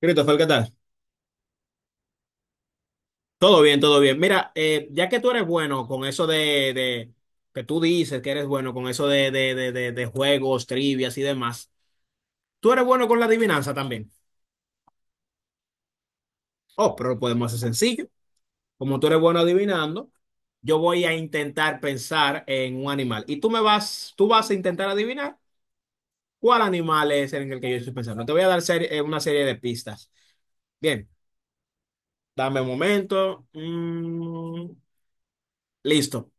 Christopher, ¿qué tal? Todo bien, todo bien. Mira, ya que tú eres bueno con que tú dices que eres bueno con eso de juegos, trivias y demás, tú eres bueno con la adivinanza también. Oh, pero lo podemos hacer sencillo. Como tú eres bueno adivinando, yo voy a intentar pensar en un animal. Tú vas a intentar adivinar cuál animal es en el que yo estoy pensando. Te voy a dar una serie de pistas. Bien, dame un momento. Listo,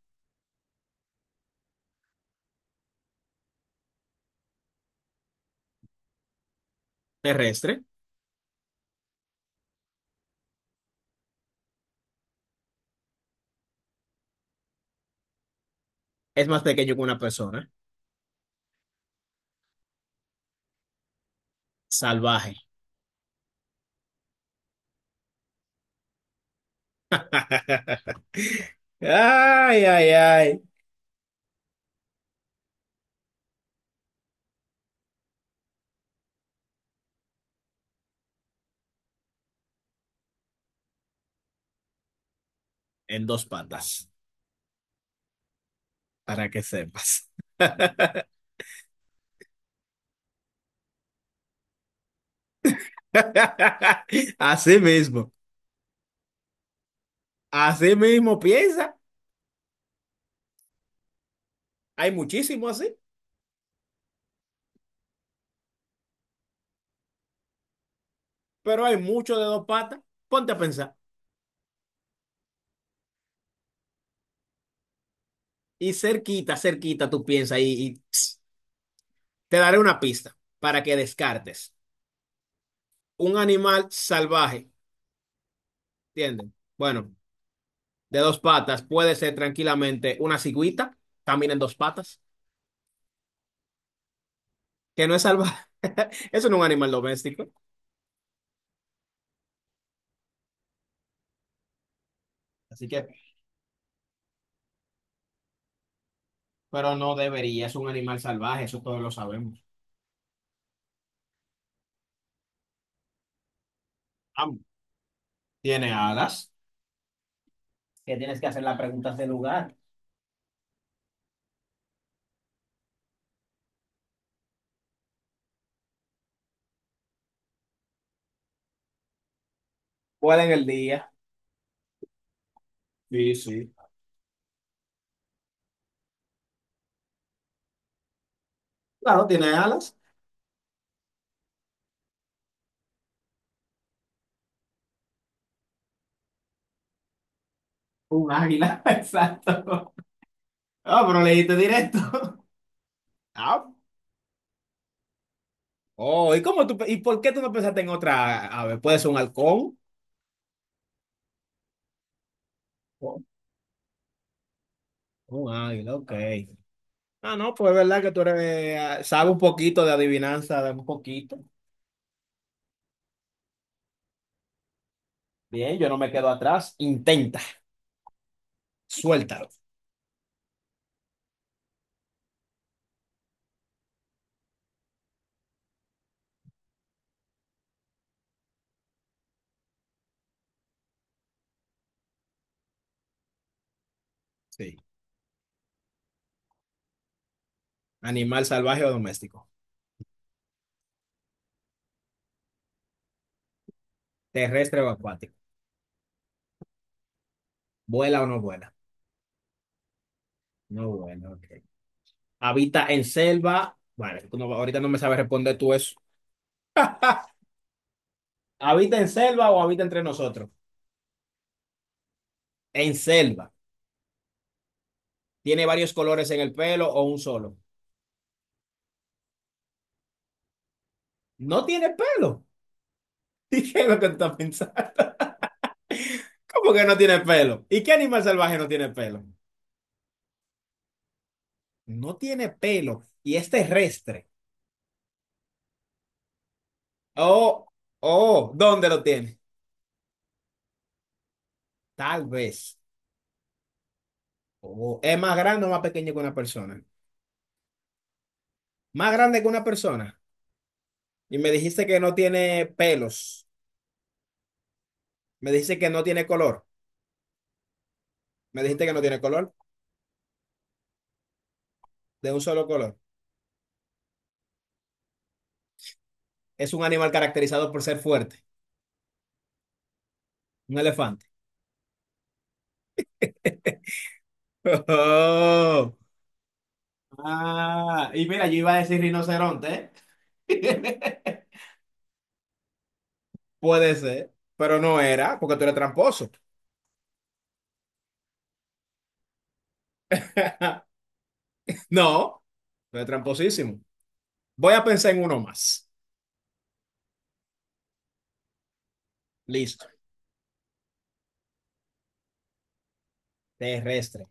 terrestre. Es más pequeño que una persona. Salvaje. Ay, ay, ay. En dos patas. Para que sepas. Así mismo. Así mismo piensa. Hay muchísimo así. Pero hay mucho de dos patas. Ponte a pensar. Y cerquita, cerquita tú piensas. Te daré una pista para que descartes. Un animal salvaje. ¿Entienden? Bueno, de dos patas puede ser tranquilamente una cigüita. Camina en dos patas. Que no es salvaje. Eso no es un animal doméstico. Así que, pero no debería, es un animal salvaje, eso todos lo sabemos. Am- Tiene alas. Que tienes que hacer las preguntas de lugar. Vuela en el día. Sí, sí. Claro, tiene alas. Un águila, exacto. Ah, pero leíste directo. Ah, oh, ¿y por qué tú no pensaste en otra ave? ¿Puede ser un halcón? Oh, un águila, ok. Ah, no, pues es verdad que tú eres, sabes un poquito de adivinanza, de un poquito. Bien, yo no me quedo atrás. Intenta. Suéltalo. Sí. Animal salvaje o doméstico. Terrestre o acuático. ¿Vuela o no vuela? No vuela, ok. Habita en selva. Bueno, tú no- ahorita no me sabes responder tú eso. ¿Habita en selva o habita entre nosotros? En selva. ¿Tiene varios colores en el pelo o un solo? No tiene pelo. ¿Y qué es lo que tú estás pensando? ¿Cómo que no tiene pelo? ¿Y qué animal salvaje no tiene pelo? No tiene pelo y es terrestre. Oh, oh, ¿dónde lo tiene? Tal vez. Oh, ¿es más grande o más pequeño que una persona? Más grande que una persona. Y me dijiste que no tiene pelos. Me dijiste que no tiene color. Me dijiste que no tiene color. De un solo color. Es un animal caracterizado por ser fuerte. Un elefante. Oh. Ah, y mira, yo iba a decir rinoceronte, ¿eh? Puede ser, pero no era, porque tú eres tramposo. No, tú eres tramposísimo. Voy a pensar en uno más. Listo. Terrestre,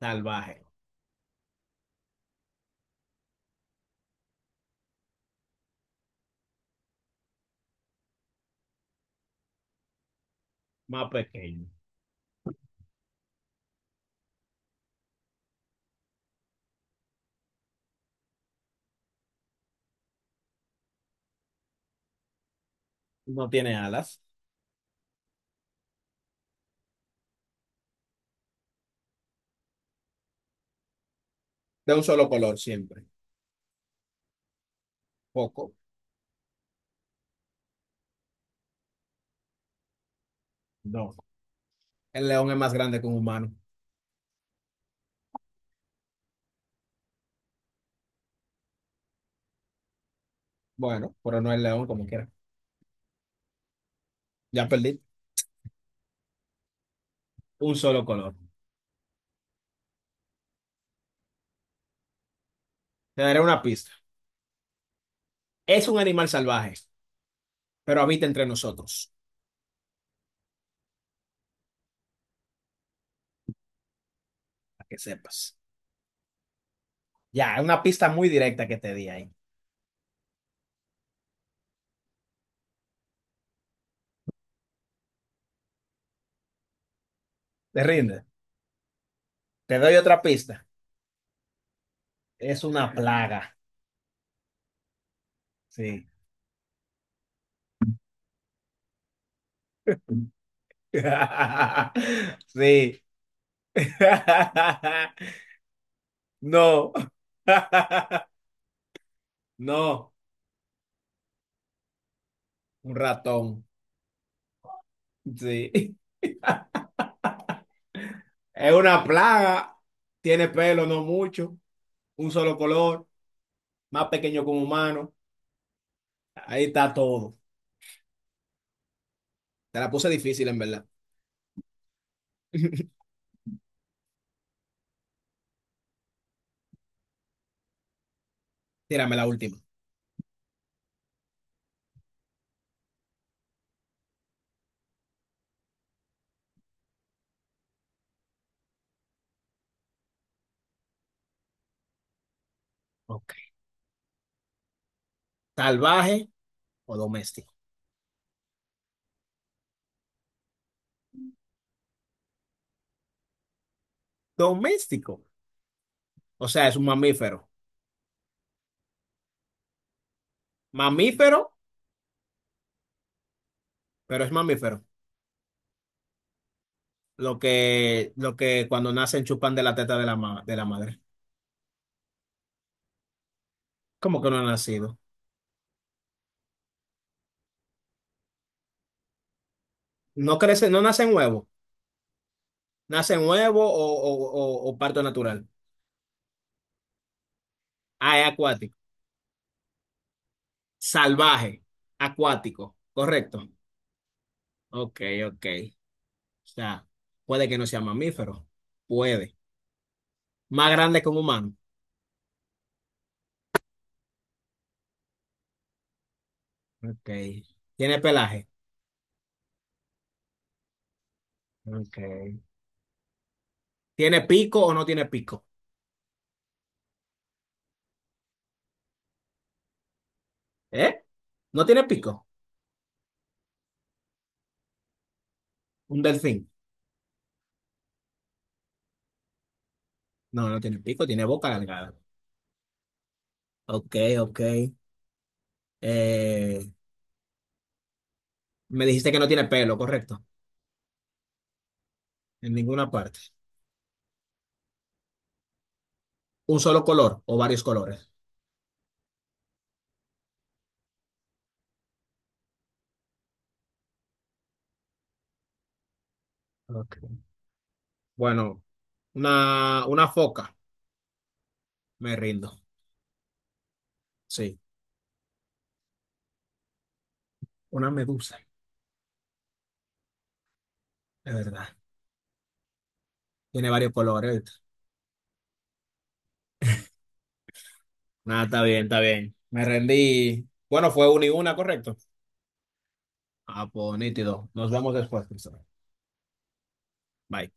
salvaje, más pequeño. No tiene alas. De un solo color siempre. Poco. No. El león es más grande que un humano. Bueno, pero no el león como quiera. Ya perdí. Un solo color. Te daré una pista. Es un animal salvaje, pero habita entre nosotros, para que sepas. Ya, es una pista muy directa que te di ahí. ¿Te rinde? Te doy otra pista. Es una plaga. Sí. Sí. No. No. Un ratón. Sí. Es una plaga, tiene pelo, no mucho, un solo color, más pequeño que un humano. Ahí está todo. Te la puse difícil, en verdad. Tírame la última. Ok. ¿Salvaje o doméstico? Doméstico. O sea, es un mamífero. Mamífero, pero es mamífero. Lo que, cuando nacen chupan de la teta de la, de la madre. ¿Cómo que no ha nacido? No crece, no nace en huevo. Nace en huevo o parto natural. Ah, es acuático. Salvaje, acuático, correcto. Ok, ok. O sea, puede que no sea mamífero. Puede. Más grande que un humano. Ok. ¿Tiene pelaje? Ok. ¿Tiene pico o no tiene pico? ¿Eh? ¿No tiene pico? Un delfín. No, no tiene pico, tiene boca alargada. Ok, ok. Eh, me dijiste que no tiene pelo, correcto. En ninguna parte. ¿Un solo color o varios colores? Ok. Bueno, una foca. Me rindo. Sí. Una medusa. Es verdad. Tiene varios colores. ¿Viste? Nada, está bien, está bien. Me rendí. Bueno, fue una y una, correcto. Ah, pues nítido. Nos vemos después, Cristóbal. Bye.